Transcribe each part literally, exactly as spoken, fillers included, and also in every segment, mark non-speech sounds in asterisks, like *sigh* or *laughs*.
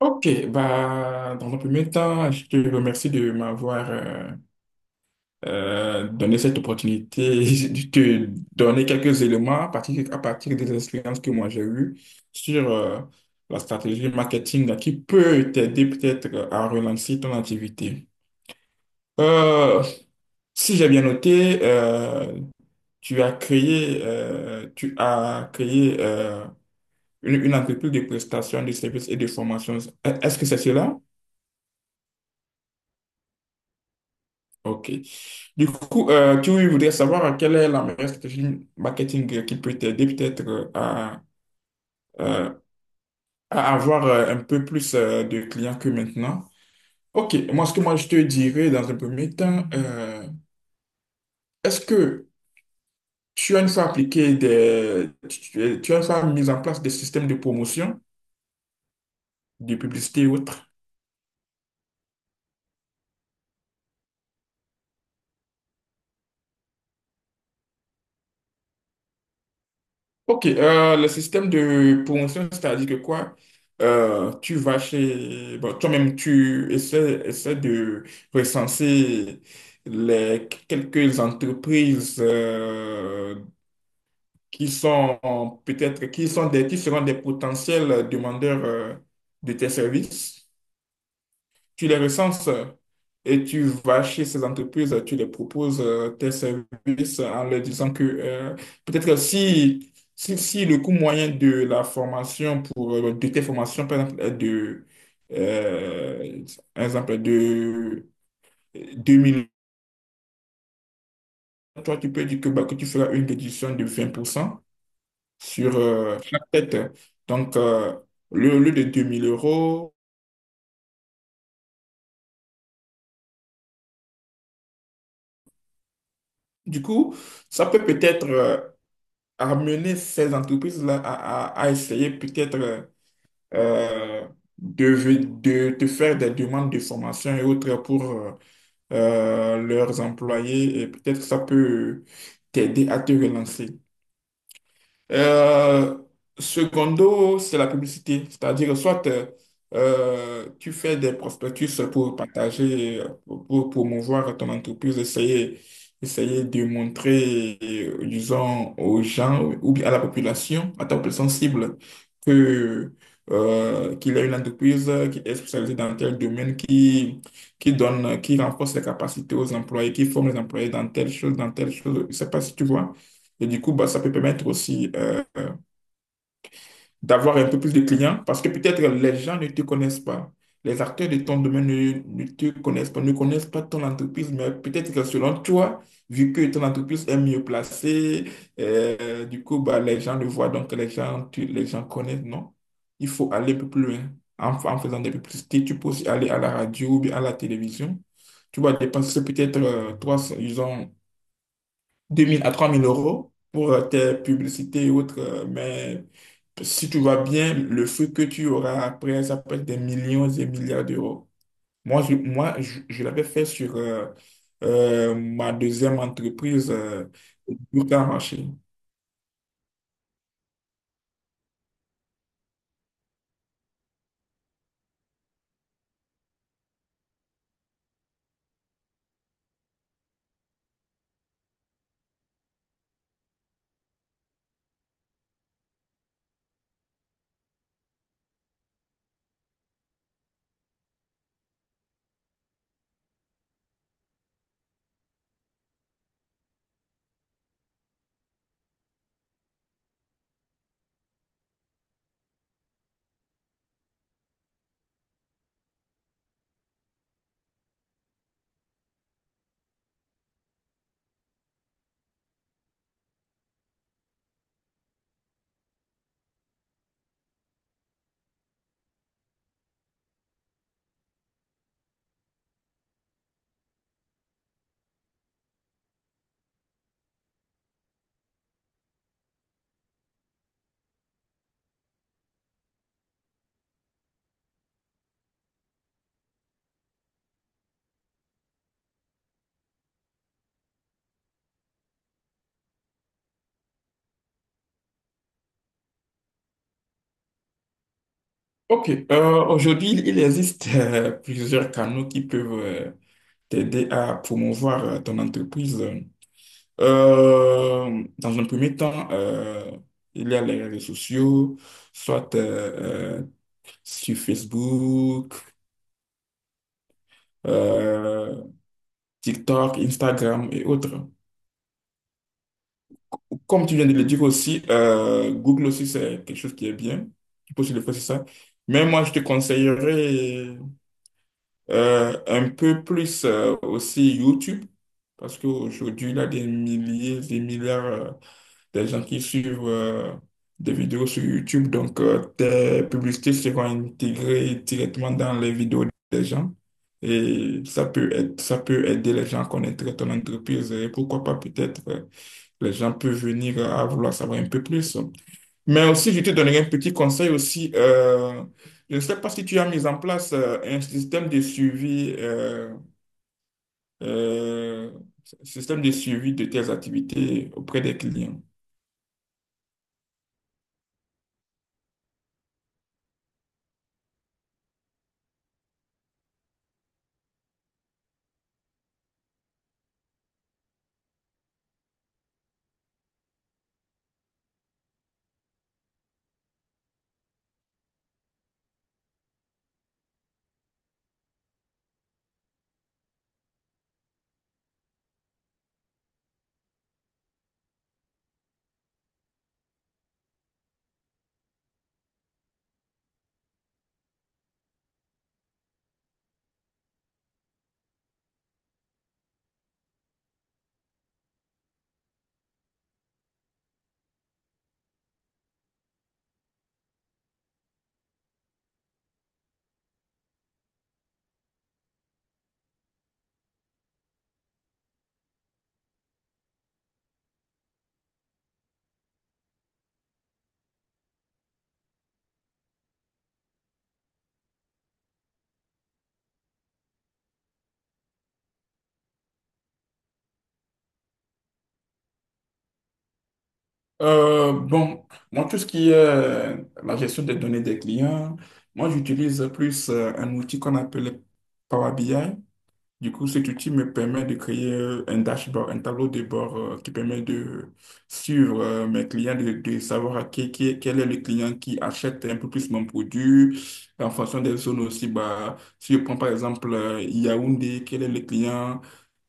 Ok, bah, dans un premier temps, je te remercie de m'avoir euh, euh, donné cette opportunité *laughs* de te donner quelques éléments à partir, à partir des expériences que moi j'ai eues sur euh, la stratégie marketing qui peut t'aider peut-être à relancer ton activité. Euh, Si j'ai bien noté, euh, tu as créé, euh, tu as créé euh, une, une entreprise de prestations de services et de formations. Est-ce que c'est cela? OK. Du coup, euh, tu voudrais savoir quelle est la meilleure stratégie marketing qui peut t'aider peut-être euh, à, euh, à avoir euh, un peu plus euh, de clients que maintenant. OK, moi, ce que moi je te dirais dans un premier temps, euh, est-ce que tu as une fois appliqué des... Tu, tu as une fois mis en place des systèmes de promotion, de publicité ou autre? Ok, euh, le système de promotion, c'est-à-dire que quoi? Euh, tu vas chez... Bon, toi-même, tu essaies, essaies de recenser les quelques entreprises euh, qui sont peut-être, qui sont des, qui seront des potentiels demandeurs euh, de tes services, tu les recenses et tu vas chez ces entreprises, tu les proposes euh, tes services en leur disant que euh, peut-être que si, si, si le coût moyen de la formation pour euh, de tes formations, par exemple, est de, euh, par exemple, de deux mille, toi, tu peux dire que, bah, que tu feras une réduction de vingt pour cent sur euh, chaque tête. Donc, euh, le au lieu de deux mille euros, du coup, ça peut peut-être euh, amener ces entreprises-là à, à- à essayer peut-être euh, euh, de, de, de faire des demandes de formation et autres pour euh, euh, leurs employés, et peut-être ça peut t'aider à te relancer. Euh, Secondo, c'est la publicité. C'est-à-dire, soit euh, euh, tu fais des prospectus pour partager, euh, pour promouvoir ton entreprise, essayer, essayer de montrer, euh, disons, aux gens ou bien à la population, à ta population cible, que, euh, qu'il y a une entreprise qui est spécialisée dans tel domaine, qui, qui donne, qui renforce les capacités aux employés, qui forme les employés dans telle chose, dans telle chose. Je ne sais pas si tu vois. Et du coup, bah, ça peut permettre aussi euh, euh, d'avoir un peu plus de clients parce que peut-être les gens ne te connaissent pas. Les acteurs de ton domaine ne, ne te connaissent pas, ne connaissent pas ton entreprise, mais peut-être que selon toi, vu que ton entreprise est mieux placée, euh, du coup, bah, les gens le voient, donc les gens, tu- les gens connaissent, non? Il faut aller un peu plus loin. En, en faisant des publicités, tu peux aussi aller à la radio ou bien à la télévision. Tu vas dépenser peut-être euh, trois cents, disons, deux mille à trois mille euros pour euh, tes publicités et autres. euh, Mais si tu vas bien, le fruit que tu auras après, ça peut être des millions et milliards d'euros. Moi, je, moi, je, je l'avais fait sur euh, euh, ma deuxième entreprise, euh, Burka Marché. OK. Euh, aujourd'hui, il existe euh, plusieurs canaux qui peuvent euh, t'aider à promouvoir euh, ton entreprise. Euh, dans un premier temps, euh, il y a les réseaux sociaux, soit euh, euh, sur Facebook, euh, TikTok, Instagram et autres. Comme tu viens de le dire aussi, euh, Google aussi, c'est quelque chose qui est bien. Tu peux aussi le faire, c'est ça. Mais moi, je te conseillerais Euh, un peu plus euh, aussi YouTube, parce qu'aujourd'hui, il y a des milliers, des milliards euh, de gens qui suivent euh, des vidéos sur YouTube. Donc, euh, tes publicités seront intégrées directement dans les vidéos des gens. Et ça peut être, ça peut aider les gens à connaître ton entreprise. Et pourquoi pas, peut-être, euh, les gens peuvent venir à vouloir savoir un peu plus. Mais aussi, je te donnerai un petit conseil aussi. Euh, je ne sais pas si tu as mis en place euh, un système de suivi, euh, euh, système de suivi de tes activités auprès des clients. Euh, bon, Moi, tout ce qui est euh, la gestion des données des clients, moi, j'utilise plus euh, un outil qu'on appelle Power B I. Du coup, cet outil me permet de créer euh, un dashboard, un tableau de bord euh, qui permet de suivre euh, mes clients, de, de savoir à qui, qui- quel est le client qui achète un peu plus mon produit en fonction des zones aussi. Bah, si je prends par exemple euh, Yaoundé, quel est le client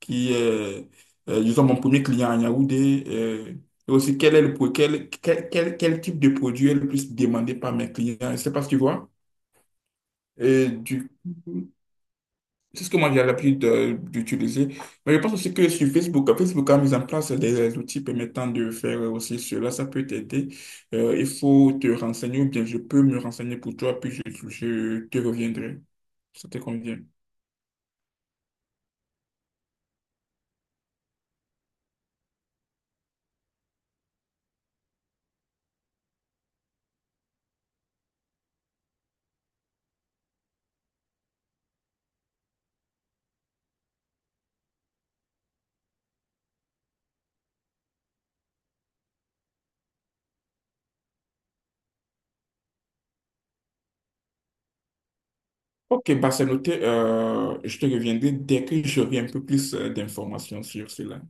qui est, euh, disons, mon premier client à Yaoundé, euh, et aussi quel est le, pro- quel, quel, quel, quel type de produit est le plus demandé par mes clients. Je ne sais pas si tu vois. Et du coup, c'est ce que moi j'ai l'habitude de- d'utiliser. Mais je pense aussi que sur Facebook, euh, Facebook a mis en place des outils permettant de faire aussi cela. Ça peut t'aider. Euh, il faut te renseigner ou bien je peux me renseigner pour toi, puis je, je te reviendrai. Ça te convient. Ok, bah c'est noté. Euh, je te reviendrai dès que j'aurai un peu plus euh, d'informations sur cela.